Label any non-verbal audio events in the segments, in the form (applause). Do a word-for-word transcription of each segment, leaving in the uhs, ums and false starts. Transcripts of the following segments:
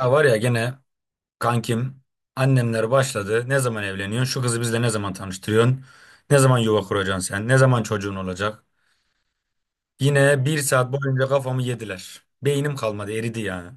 Ya var ya gene kankim annemler başladı. Ne zaman evleniyorsun? Şu kızı bizle ne zaman tanıştırıyorsun? Ne zaman yuva kuracaksın sen? Ne zaman çocuğun olacak? Yine bir saat boyunca kafamı yediler. Beynim kalmadı eridi yani.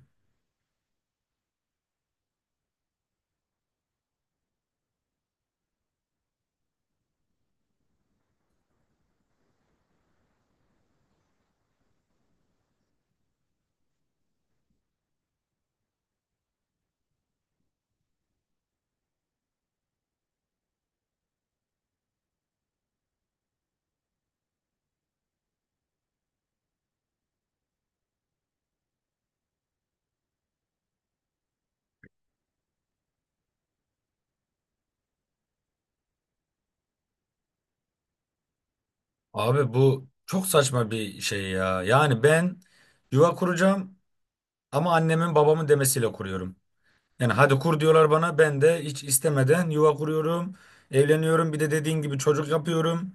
Abi bu çok saçma bir şey ya. Yani ben yuva kuracağım ama annemin babamın demesiyle kuruyorum. Yani hadi kur diyorlar bana ben de hiç istemeden yuva kuruyorum. Evleniyorum bir de dediğin gibi çocuk yapıyorum.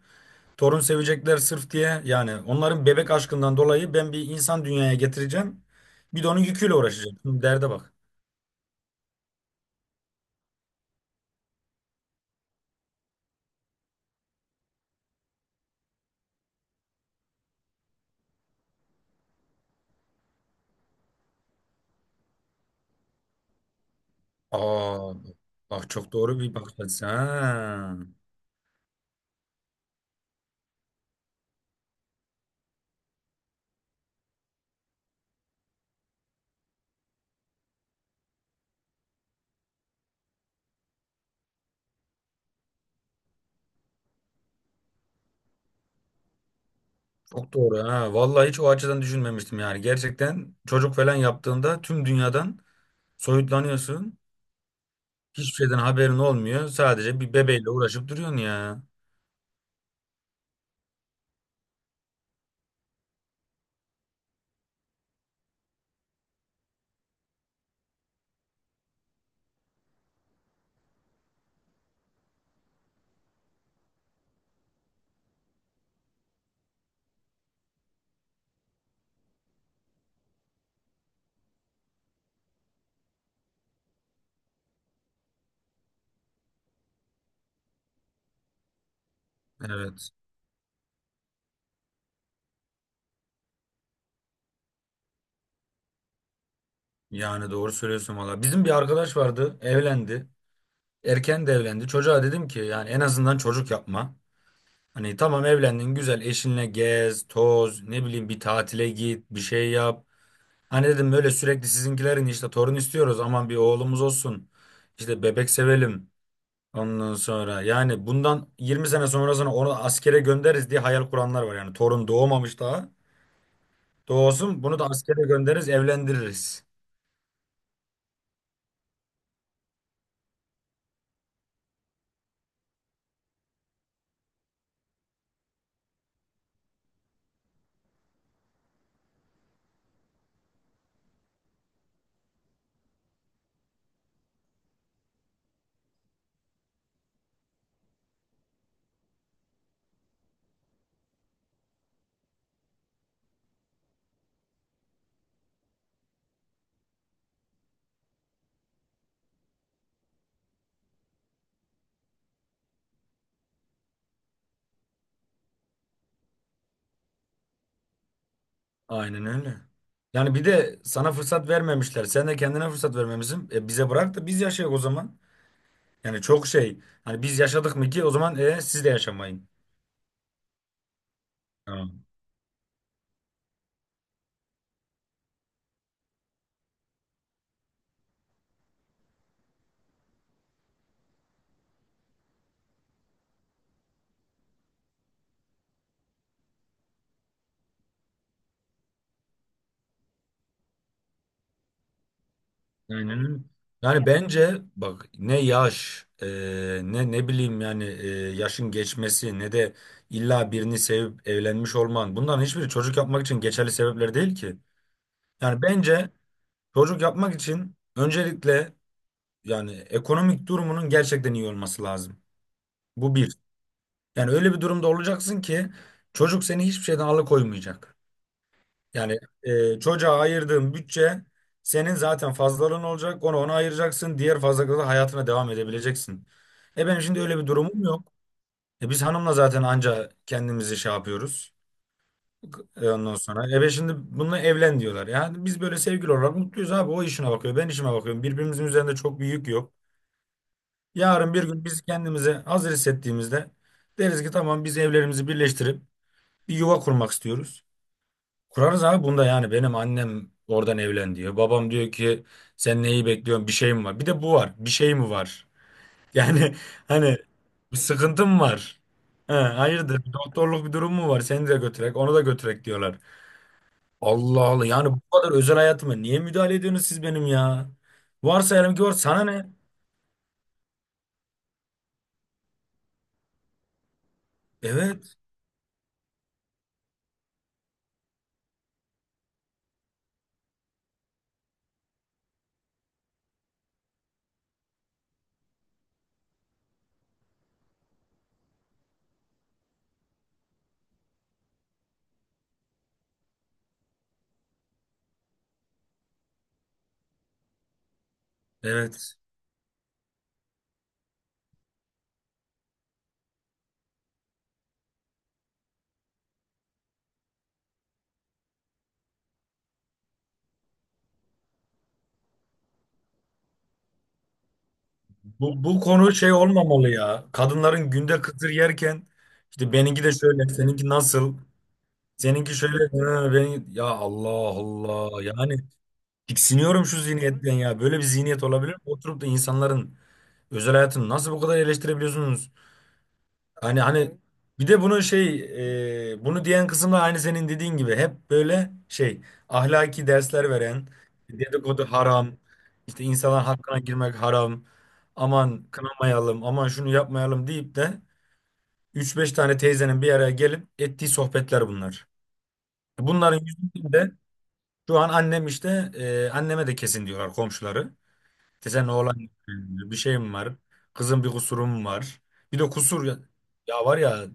Torun sevecekler sırf diye yani onların bebek aşkından dolayı ben bir insan dünyaya getireceğim. Bir de onun yüküyle uğraşacağım. Şimdi derde bak. Aa, bak çok doğru bir bakış açısı. Ha. Çok doğru ha. Vallahi hiç o açıdan düşünmemiştim yani. Gerçekten çocuk falan yaptığında tüm dünyadan soyutlanıyorsun. Hiçbir şeyden haberin olmuyor. Sadece bir bebeğle uğraşıp duruyorsun ya. Evet. Yani doğru söylüyorsun valla. Bizim bir arkadaş vardı, evlendi. Erken de evlendi. Çocuğa dedim ki yani en azından çocuk yapma. Hani tamam evlendin güzel eşinle gez, toz, ne bileyim bir tatile git, bir şey yap. Hani dedim böyle sürekli sizinkilerin işte torun istiyoruz aman bir oğlumuz olsun. İşte bebek sevelim ondan sonra. Yani bundan yirmi sene sonrasına onu askere göndeririz diye hayal kuranlar var. Yani torun doğmamış daha. Doğsun bunu da askere göndeririz, evlendiririz. Aynen öyle. Yani bir de sana fırsat vermemişler. Sen de kendine fırsat vermemişsin. E bize bırak da biz yaşayalım o zaman. Yani çok şey. Hani biz yaşadık mı ki o zaman e, siz de yaşamayın. Tamam. Aynen öyle. Yani bence bak ne yaş e, ne ne bileyim yani e, yaşın geçmesi ne de illa birini sevip evlenmiş olman bunların hiçbiri çocuk yapmak için geçerli sebepler değil ki. Yani bence çocuk yapmak için öncelikle yani ekonomik durumunun gerçekten iyi olması lazım. Bu bir. Yani öyle bir durumda olacaksın ki çocuk seni hiçbir şeyden alıkoymayacak. Yani e, çocuğa ayırdığın bütçe senin zaten fazlalığın olacak. Onu ona ayıracaksın. Diğer fazlalıkla da hayatına devam edebileceksin. E benim şimdi öyle bir durumum yok. E biz hanımla zaten anca kendimizi şey yapıyoruz. E ondan sonra. E ben şimdi bununla evlen diyorlar. Yani biz böyle sevgili olarak mutluyuz abi. O işine bakıyor. Ben işime bakıyorum. Birbirimizin üzerinde çok bir yük yok. Yarın bir gün biz kendimizi hazır hissettiğimizde deriz ki tamam biz evlerimizi birleştirip bir yuva kurmak istiyoruz. Kurarız abi bunda yani benim annem oradan evlen diyor. Babam diyor ki sen neyi bekliyorsun bir şey mi var? Bir de bu var bir şey mi var? Yani (laughs) hani bir sıkıntım var. He, hayırdır bir doktorluk bir durum mu var? Seni de götürek onu da götürek diyorlar. Allah Allah yani bu kadar özel hayatıma niye müdahale ediyorsunuz siz benim ya? Varsa eğer ki var sana ne? Evet evet. Bu, bu konu şey olmamalı ya. Kadınların günde kıtır yerken işte benimki de şöyle seninki nasıl? Seninki şöyle "Ha, ben ya Allah Allah yani tiksiniyorum şu zihniyetten ya. Böyle bir zihniyet olabilir mi? Oturup da insanların özel hayatını nasıl bu kadar eleştirebiliyorsunuz? Hani hani bir de bunu şey e, bunu diyen kısımda aynı senin dediğin gibi hep böyle şey ahlaki dersler veren dedikodu haram işte insanların hakkına girmek haram aman kınamayalım aman şunu yapmayalım deyip de üç beş tane teyzenin bir araya gelip ettiği sohbetler bunlar. Bunların yüzünden de şu an annem işte e, anneme de kesin diyorlar komşuları. İşte senin oğlan e, bir şeyim var. Kızın bir kusurum var. Bir de kusur ya, ya var ya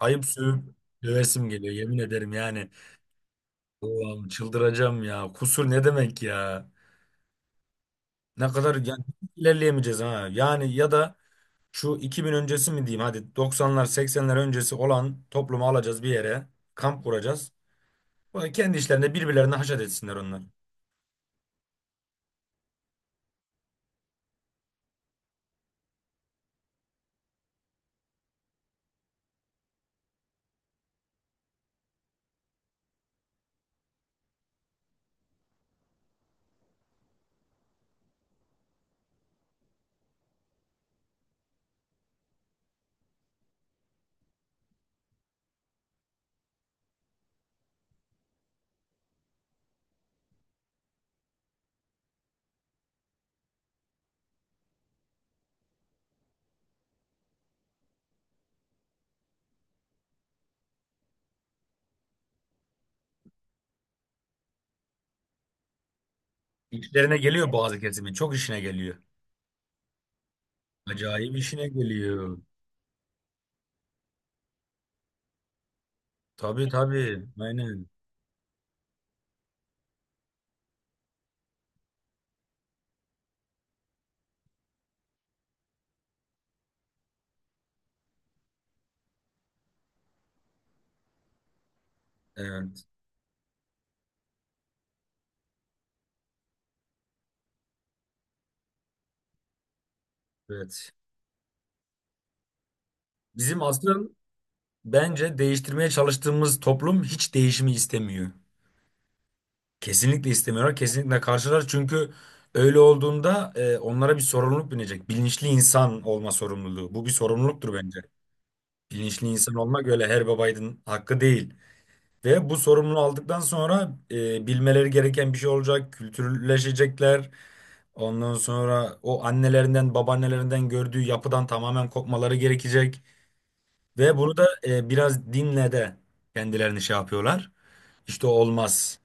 ayıp sövüp dövesim geliyor yemin ederim yani. Allah'ım çıldıracağım ya. Kusur ne demek ya? Ne kadar yani ilerleyemeyeceğiz ha. Yani ya da şu iki bin öncesi mi diyeyim hadi doksanlar seksenler öncesi olan toplumu alacağız bir yere kamp kuracağız. Böyle kendi işlerinde birbirlerine haşat etsinler onlar. İşlerine geliyor bazı kesimin çok işine geliyor. Acayip işine geliyor. Tabii tabii. Aynen. Evet. Evet. Bizim asıl bence değiştirmeye çalıştığımız toplum hiç değişimi istemiyor. Kesinlikle istemiyorlar. Kesinlikle karşılar. Çünkü öyle olduğunda e, onlara bir sorumluluk binecek. Bilinçli insan olma sorumluluğu. Bu bir sorumluluktur bence. Bilinçli insan olmak öyle her babaydın hakkı değil. Ve bu sorumluluğu aldıktan sonra e, bilmeleri gereken bir şey olacak, kültürleşecekler. Ondan sonra o annelerinden, babaannelerinden gördüğü yapıdan tamamen kopmaları gerekecek. Ve bunu da e, biraz dinle de kendilerini şey yapıyorlar. İşte olmaz,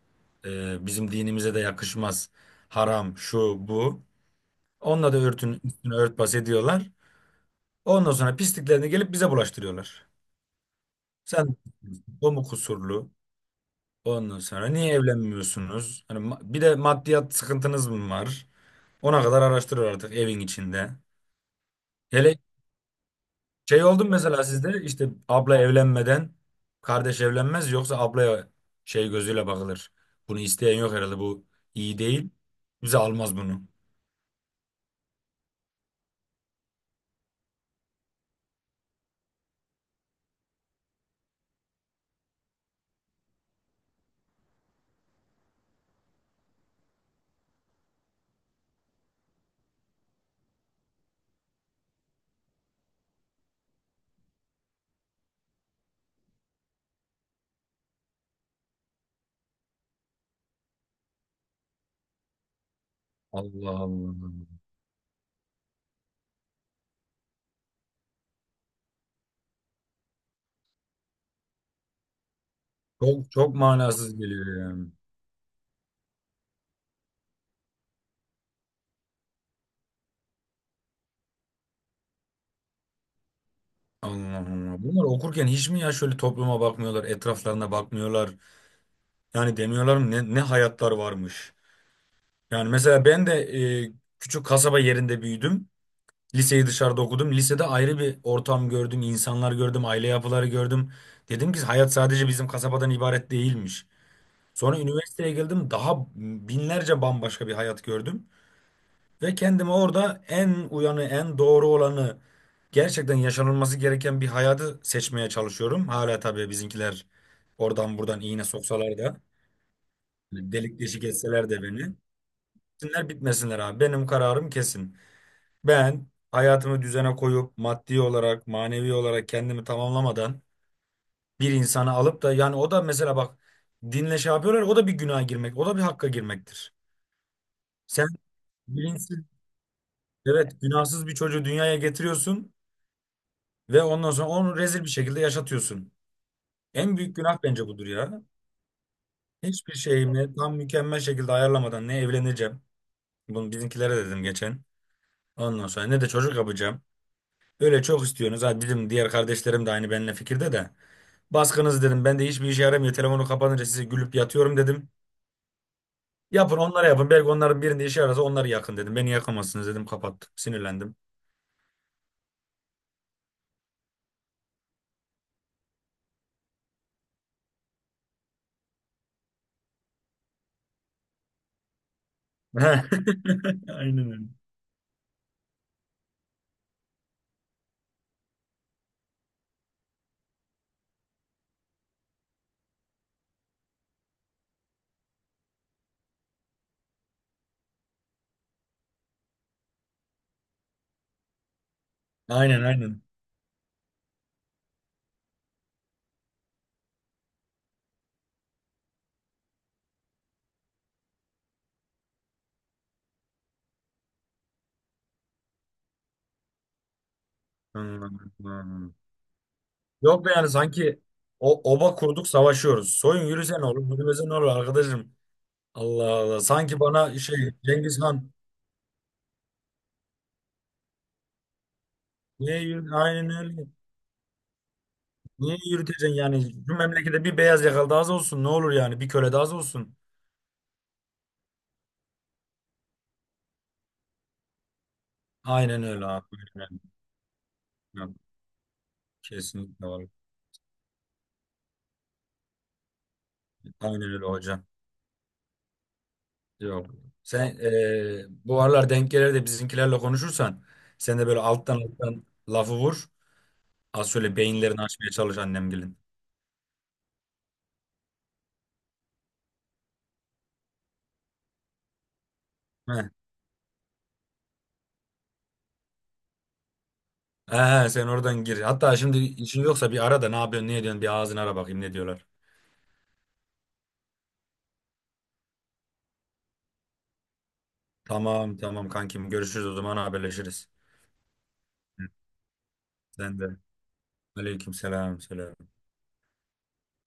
e, bizim dinimize de yakışmaz, haram, şu, bu. Onunla da örtün, üstüne örtbas ediyorlar. Ondan sonra pisliklerini gelip bize bulaştırıyorlar. Sen o mu kusurlu? Ondan sonra niye evlenmiyorsunuz? Hani ma- bir de maddiyat sıkıntınız mı var? Ona kadar araştırır artık evin içinde. Hele şey oldu mu mesela sizde işte abla evlenmeden kardeş evlenmez yoksa ablaya şey gözüyle bakılır. Bunu isteyen yok herhalde bu iyi değil. Bize almaz bunu. Allah Allah. Çok çok manasız geliyor yani. Allah Allah. Bunlar okurken hiç mi ya şöyle topluma bakmıyorlar, etraflarına bakmıyorlar? Yani demiyorlar mı ne, ne hayatlar varmış? Yani mesela ben de e, küçük kasaba yerinde büyüdüm. Liseyi dışarıda okudum. Lisede ayrı bir ortam gördüm, insanlar gördüm, aile yapıları gördüm. Dedim ki hayat sadece bizim kasabadan ibaret değilmiş. Sonra üniversiteye geldim, daha binlerce bambaşka bir hayat gördüm. Ve kendime orada en uyanı, en doğru olanı, gerçekten yaşanılması gereken bir hayatı seçmeye çalışıyorum. Hala tabii bizimkiler oradan buradan iğne soksalar da, delik deşik etseler de beni. Bitsinler bitmesinler abi. Benim kararım kesin. Ben hayatımı düzene koyup maddi olarak, manevi olarak kendimi tamamlamadan bir insanı alıp da yani o da mesela bak dinle şey yapıyorlar o da bir günaha girmek, o da bir hakka girmektir. Sen bilinçsiz, evet günahsız bir çocuğu dünyaya getiriyorsun ve ondan sonra onu rezil bir şekilde yaşatıyorsun. En büyük günah bence budur ya. Hiçbir şeyimle tam mükemmel şekilde ayarlamadan ne evleneceğim. Bunu bizimkilere dedim geçen. Ondan sonra ne de çocuk yapacağım. Öyle çok istiyorsunuz. Ha dedim diğer kardeşlerim de aynı benimle fikirde de. Baskınız dedim. Ben de hiçbir işe yaramıyor. Telefonu kapanınca size gülüp yatıyorum dedim. Yapın onlara yapın. Belki onların birinde işe yararsa onları yakın dedim. Beni yakamazsınız dedim. Kapattım. Sinirlendim. (laughs) Aynen öyle. Aynen aynen. (laughs) Hmm. Yok be yani sanki o oba kurduk savaşıyoruz. Soyun yürüse ne olur, yürümese ne olur arkadaşım. Allah Allah. Sanki bana şey Cengiz Han. Niye yürü? Aynen öyle. Niye yürüteceksin yani? Bu memlekette bir beyaz yakalı daha az olsun. Ne olur yani? Bir köle daha az olsun. Aynen öyle abi. Aynen. Öyle. Kesinlikle var. Aynen öyle hocam. Yok. Sen eee, bu aralar denk gelir de bizimkilerle konuşursan sen de böyle alttan alttan lafı vur. Az şöyle beyinlerini açmaya çalış annemgilin. Heh. He, sen oradan gir. Hatta şimdi işin yoksa bir ara da ne yapıyorsun ne ediyorsun bir ağzını ara bakayım ne diyorlar. Tamam tamam kankim görüşürüz o zaman haberleşiriz. Hı, sen de. Aleyküm selam selam.